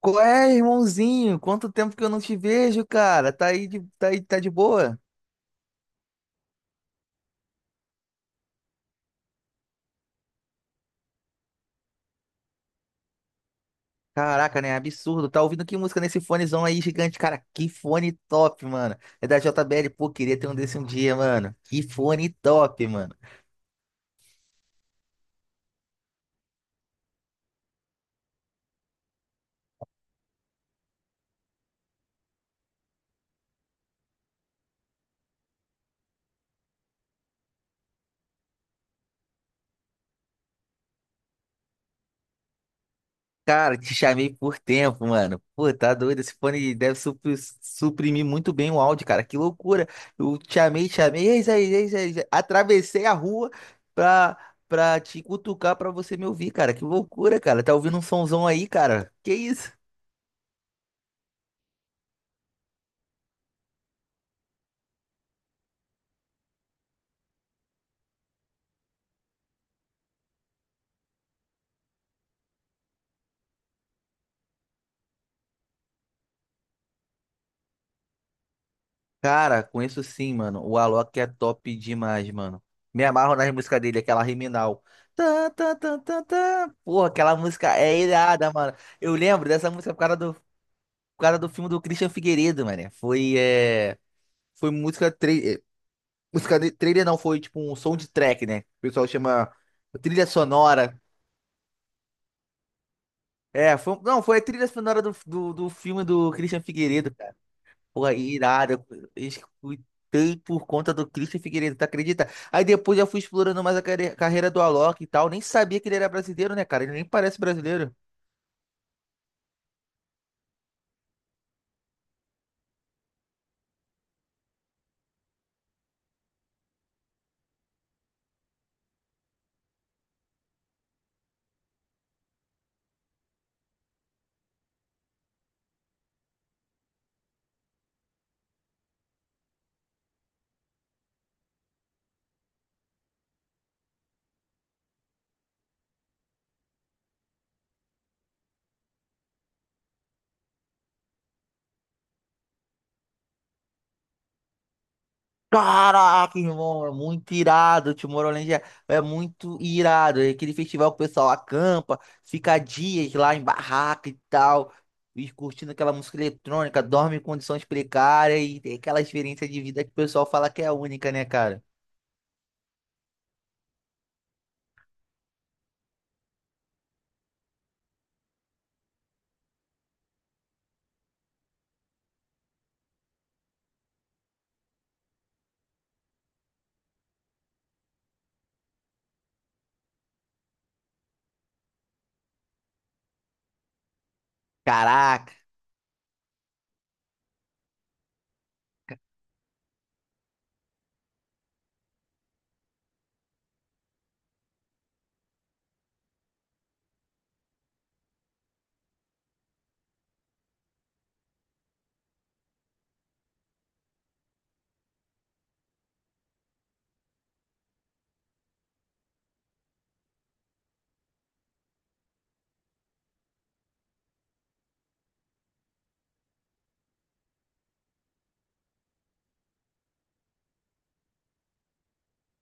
Qual é, irmãozinho? Quanto tempo que eu não te vejo, cara? Tá aí, tá de boa? Caraca, né? Absurdo. Tá ouvindo que música nesse fonezão aí gigante, cara? Que fone top, mano. É da J JBL, pô, queria ter um desse um dia, mano. Que fone top, mano. Cara, te chamei por tempo, mano. Pô, tá doido? Esse fone deve suprimir muito bem o áudio, cara. Que loucura. Eu te chamei, te chamei. É isso aí, é isso aí. É isso aí. Atravessei a rua pra, pra te cutucar pra você me ouvir, cara. Que loucura, cara. Tá ouvindo um somzão aí, cara? Que isso? Cara, conheço sim, mano. O Alok é top demais, mano. Me amarro nas músicas dele, aquela Riminal. Tá, tá, tá, tá, tá. Porra, aquela música é irada, mano. Eu lembro dessa música por causa do filme do Christian Figueiredo, mano. Foi, foi música, música trailer, não, foi tipo um soundtrack, né? O pessoal chama trilha sonora. É, não, foi a trilha sonora do filme do Christian Figueiredo, cara. Porra, irada. Eu escutei por conta do Christian Figueiredo, tu acredita? Aí depois eu fui explorando mais a carreira do Alok e tal. Nem sabia que ele era brasileiro, né, cara? Ele nem parece brasileiro. Caraca, irmão, é muito irado. O Tomorrowland é muito irado. É aquele festival que o pessoal acampa, fica dias lá em barraca e tal, e curtindo aquela música eletrônica, dorme em condições precárias e tem aquela experiência de vida que o pessoal fala que é única, né, cara? Caraca,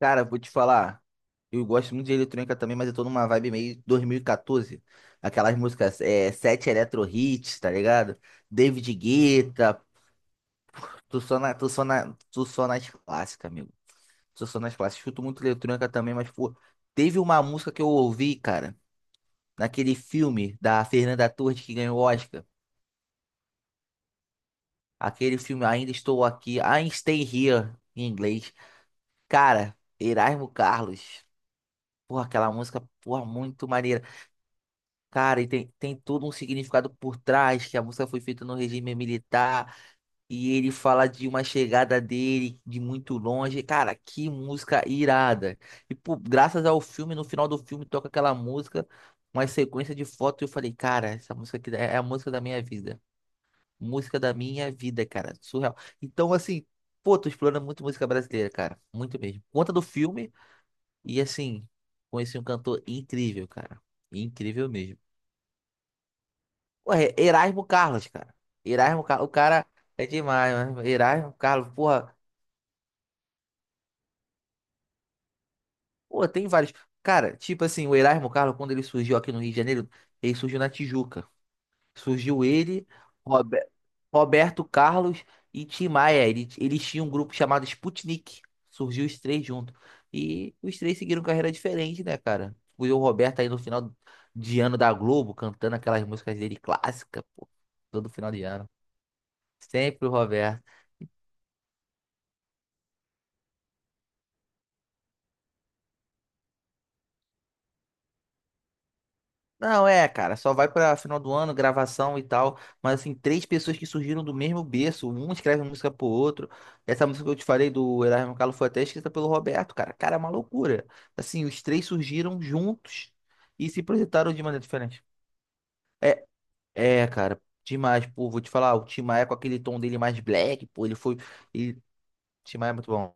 cara, vou te falar. Eu gosto muito de eletrônica também, mas eu tô numa vibe meio 2014. Aquelas músicas, Sete Electro Hits, tá ligado? David Guetta. Tu só na, tu só na, tu só nas clássicas, amigo. Tu só nas clássicas. Escuto muito eletrônica também, mas, pô, teve uma música que eu ouvi, cara, naquele filme da Fernanda Torres que ganhou o Oscar. Aquele filme Ainda Estou Aqui, I Stay Here, em inglês. Cara, Erasmo Carlos. Porra, aquela música, porra, muito maneira. Cara, e tem todo um significado por trás, que a música foi feita no regime militar. E ele fala de uma chegada dele de muito longe. Cara, que música irada. E pô, graças ao filme, no final do filme toca aquela música, uma sequência de fotos. E eu falei, cara, essa música aqui é a música da minha vida. Música da minha vida, cara. Surreal. Então, assim, pô, tô explorando muito música brasileira, cara. Muito mesmo. Conta do filme e, assim, conheci um cantor incrível, cara. Incrível mesmo. Ué, Erasmo Carlos, cara. Erasmo Carlos, o cara é demais, mano. Erasmo Carlos, porra. Pô, tem vários. Cara, tipo assim, o Erasmo Carlos, quando ele surgiu aqui no Rio de Janeiro, ele surgiu na Tijuca. Surgiu ele, Robe- Roberto Carlos e Tim Maia. Eles tinham um grupo chamado Sputnik. Surgiu os três juntos. E os três seguiram carreira diferente, né, cara? O Will Roberto aí no final de ano da Globo, cantando aquelas músicas dele clássicas, pô. Todo final de ano. Sempre o Roberto. Não, é, cara, só vai pra final do ano, gravação e tal. Mas, assim, três pessoas que surgiram do mesmo berço, um escreve uma música pro outro. Essa música que eu te falei do Erasmo Carlos foi até escrita pelo Roberto, cara. Cara, é uma loucura. Assim, os três surgiram juntos e se projetaram de maneira diferente. É, cara, demais, pô, vou te falar, o Tim Maia com aquele tom dele mais black, pô, ele foi. Ele, Tim Maia é muito bom.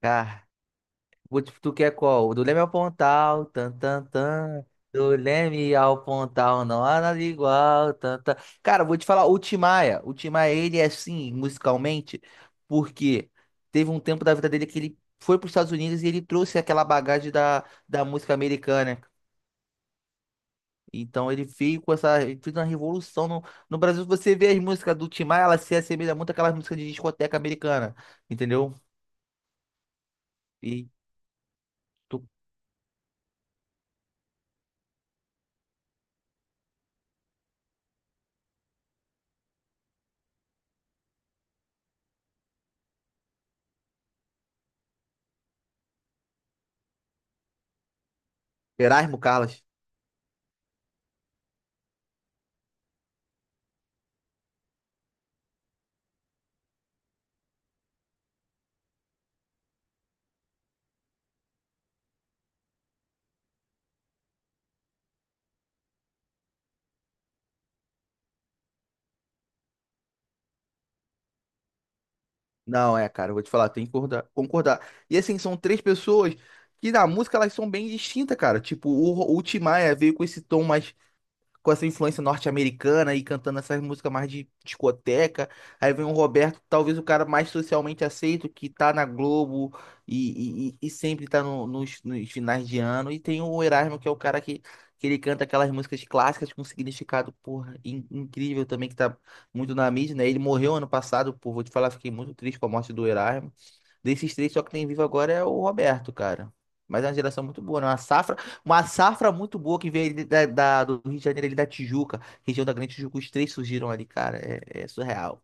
Cara, O Tu tu quer qual? O Do Leme ao Pontal, tan, tan, tan. Do Leme ao Pontal, não há nada igual, tan, tan. Cara, vou te falar, o Tim Maia, ele é assim, musicalmente, porque teve um tempo da vida dele que ele foi para os Estados Unidos e ele trouxe aquela bagagem da música americana. Então ele veio ele fez uma revolução no Brasil. Você vê as músicas do Tim Maia, elas se assemelham muito àquelas músicas de discoteca americana, entendeu? E do Erasmo Carlos. Não, é, cara, eu vou te falar, tem que concordar, concordar. E assim, são três pessoas que na música elas são bem distintas, cara. Tipo, o Tim Maia veio com esse tom mais com essa influência norte-americana e cantando essas músicas mais de discoteca. Aí vem o Roberto, talvez o cara mais socialmente aceito, que tá na Globo e, sempre tá nos finais de ano. E tem o Erasmo, que é o cara que ele canta aquelas músicas clássicas com significado, porra, incrível também, que tá muito na mídia, né? Ele morreu ano passado, pô, vou te falar, fiquei muito triste com a morte do Erasmo. Desses três, só que tem vivo agora é o Roberto, cara. Mas é uma geração muito boa, né? Uma safra muito boa que veio ali do Rio de Janeiro, ali da Tijuca, região da Grande Tijuca. Os três surgiram ali, cara. É surreal.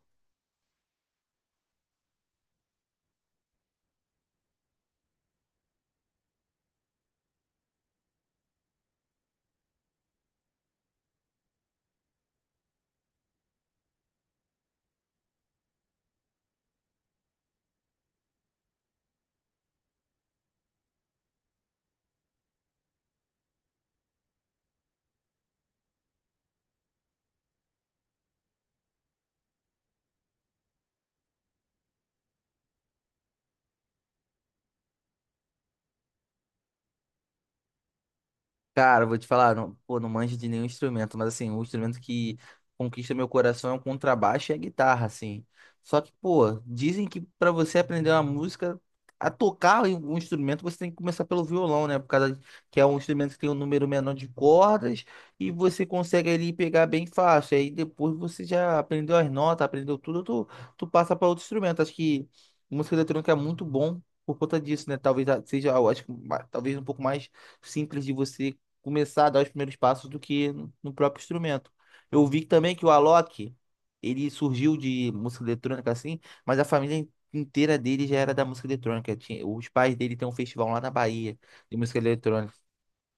Cara, eu vou te falar, não, pô, não manjo de nenhum instrumento, mas assim, o instrumento que conquista meu coração é o contrabaixo e a guitarra, assim. Só que, pô, dizem que pra você aprender uma música, a tocar em um instrumento, você tem que começar pelo violão, né? Por causa que é um instrumento que tem um número menor de cordas e você consegue ali pegar bem fácil. Aí depois você já aprendeu as notas, aprendeu tudo, tu passa pra outro instrumento. Acho que música eletrônica é muito bom por conta disso, né? Talvez seja, eu acho que talvez um pouco mais simples de você começar a dar os primeiros passos do que no próprio instrumento. Eu vi também que o Alok, ele surgiu de música eletrônica assim, mas a família inteira dele já era da música eletrônica. Os pais dele têm um festival lá na Bahia de música eletrônica,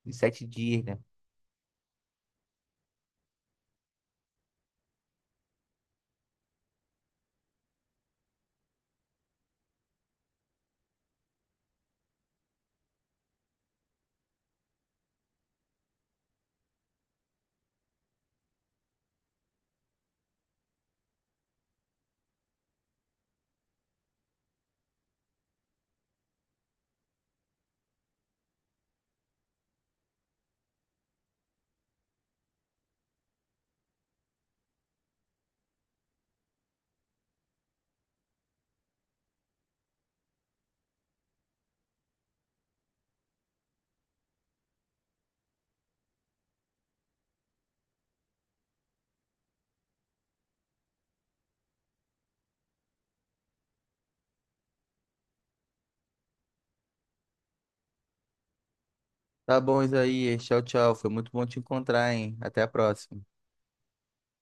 de 7 dias, né? Tá bom, Isaías. Tchau, tchau. Foi muito bom te encontrar, hein? Até a próxima.